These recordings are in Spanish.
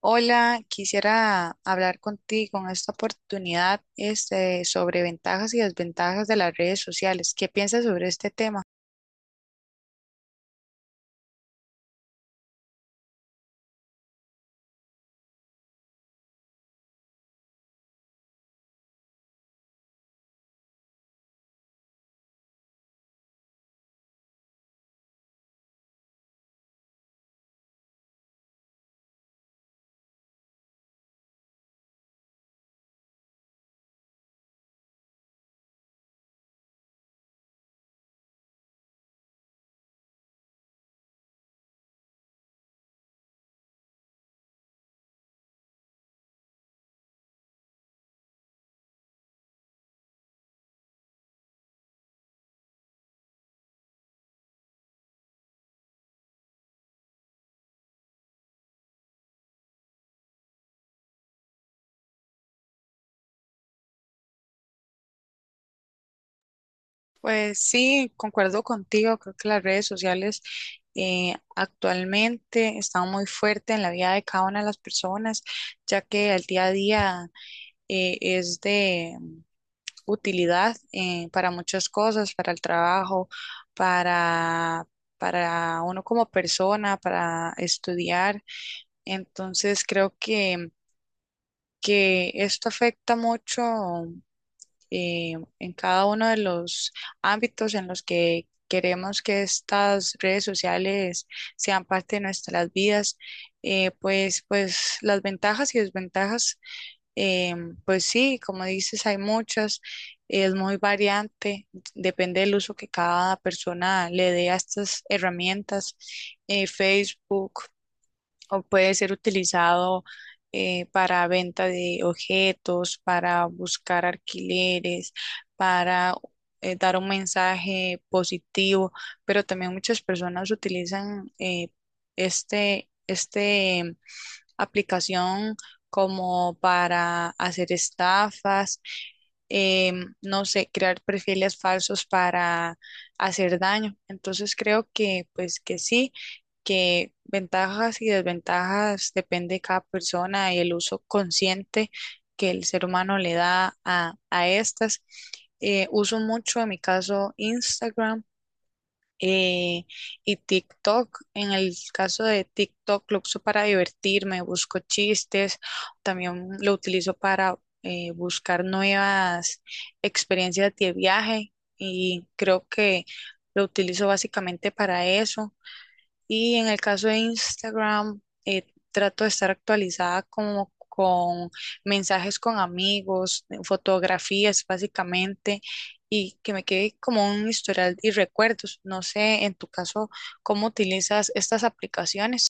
Hola, quisiera hablar contigo en esta oportunidad, sobre ventajas y desventajas de las redes sociales. ¿Qué piensas sobre este tema? Pues sí, concuerdo contigo. Creo que las redes sociales actualmente están muy fuertes en la vida de cada una de las personas, ya que el día a día es de utilidad para muchas cosas, para el trabajo, para, para uno como persona, para estudiar. Entonces creo que esto afecta mucho en cada uno de los ámbitos en los que queremos que estas redes sociales sean parte de nuestras vidas. Las ventajas y desventajas, eh, pues sí, como dices, hay muchas. Es muy variante, depende del uso que cada persona le dé a estas herramientas. Facebook o puede ser utilizado para venta de objetos, para buscar alquileres, para dar un mensaje positivo, pero también muchas personas utilizan este aplicación como para hacer estafas, no sé, crear perfiles falsos para hacer daño. Entonces creo que pues que sí, que ventajas y desventajas depende de cada persona y el uso consciente que el ser humano le da a estas. Uso mucho, en mi caso, Instagram eh, y TikTok. En el caso de TikTok, lo uso para divertirme, busco chistes, también lo utilizo para buscar nuevas experiencias de viaje y creo que lo utilizo básicamente para eso. Y en el caso de Instagram, eh, trato de estar actualizada como con mensajes con amigos, fotografías básicamente, y que me quede como un historial y recuerdos. No sé, en tu caso, ¿cómo utilizas estas aplicaciones?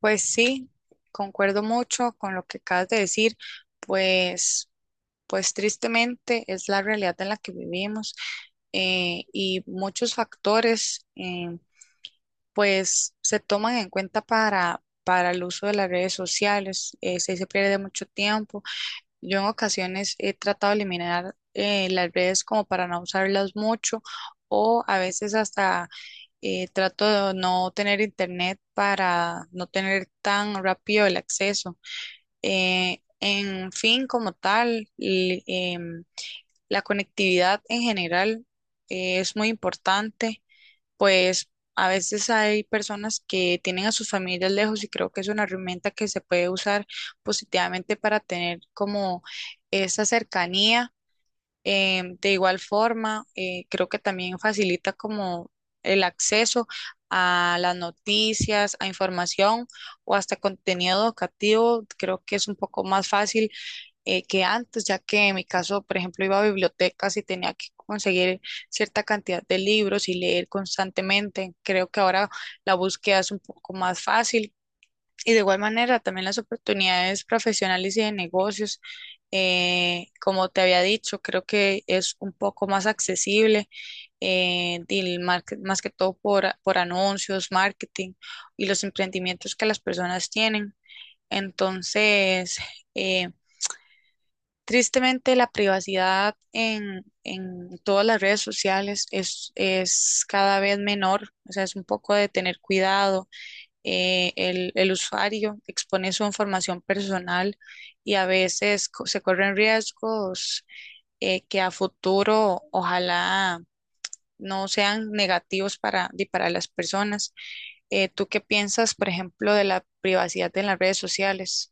Pues sí, concuerdo mucho con lo que acabas de decir. Pues, pues tristemente es la realidad en la que vivimos, y muchos factores pues se toman en cuenta para el uso de las redes sociales. Eh, sí, se pierde mucho tiempo. Yo en ocasiones he tratado de eliminar las redes como para no usarlas mucho, o a veces hasta trato de no tener internet para no tener tan rápido el acceso. En fin, como tal, la conectividad en general es muy importante, pues a veces hay personas que tienen a sus familias lejos y creo que es una herramienta que se puede usar positivamente para tener como esa cercanía. De igual forma, creo que también facilita como el acceso a las noticias, a información o hasta contenido educativo. Creo que es un poco más fácil que antes, ya que en mi caso, por ejemplo, iba a bibliotecas y tenía que conseguir cierta cantidad de libros y leer constantemente. Creo que ahora la búsqueda es un poco más fácil, y de igual manera también las oportunidades profesionales y de negocios. Como te había dicho, creo que es un poco más accesible, y el más que todo por anuncios, marketing y los emprendimientos que las personas tienen. Entonces, eh, tristemente, la privacidad en todas las redes sociales es cada vez menor, o sea, es un poco de tener cuidado. El usuario expone su información personal y a veces se corren riesgos que a futuro ojalá no sean negativos para, para las personas. ¿Tú qué piensas, por ejemplo, de la privacidad en las redes sociales?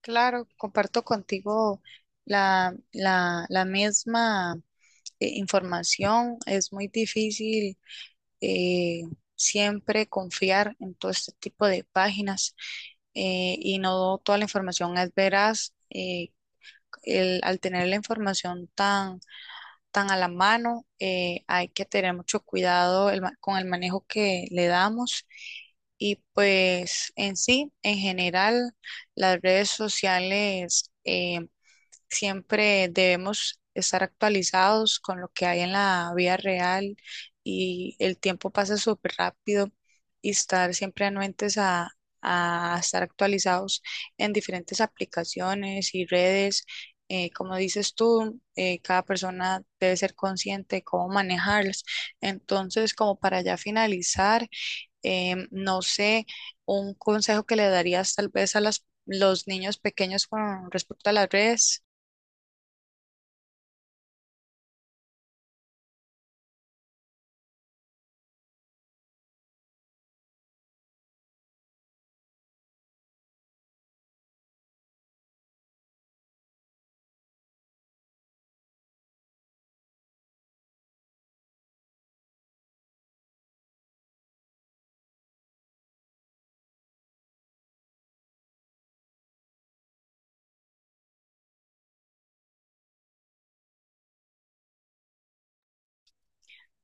Claro, comparto contigo la misma información. Es muy difícil eh, siempre confiar en todo este tipo de páginas, y no toda la información es veraz. Al tener la información tan a la mano, hay que tener mucho cuidado con el manejo que le damos. Y pues en sí, en general, las redes sociales. Siempre debemos estar actualizados con lo que hay en la vida real, y el tiempo pasa súper rápido, y estar siempre anuentes a estar actualizados en diferentes aplicaciones y redes. Como dices tú, cada persona debe ser consciente de cómo manejarlas. Entonces, como para ya finalizar, no sé, un consejo que le darías tal vez a los niños pequeños con respecto a las redes.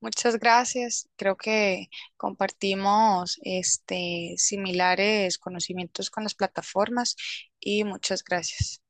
Muchas gracias. Creo que compartimos similares conocimientos con las plataformas, y muchas gracias.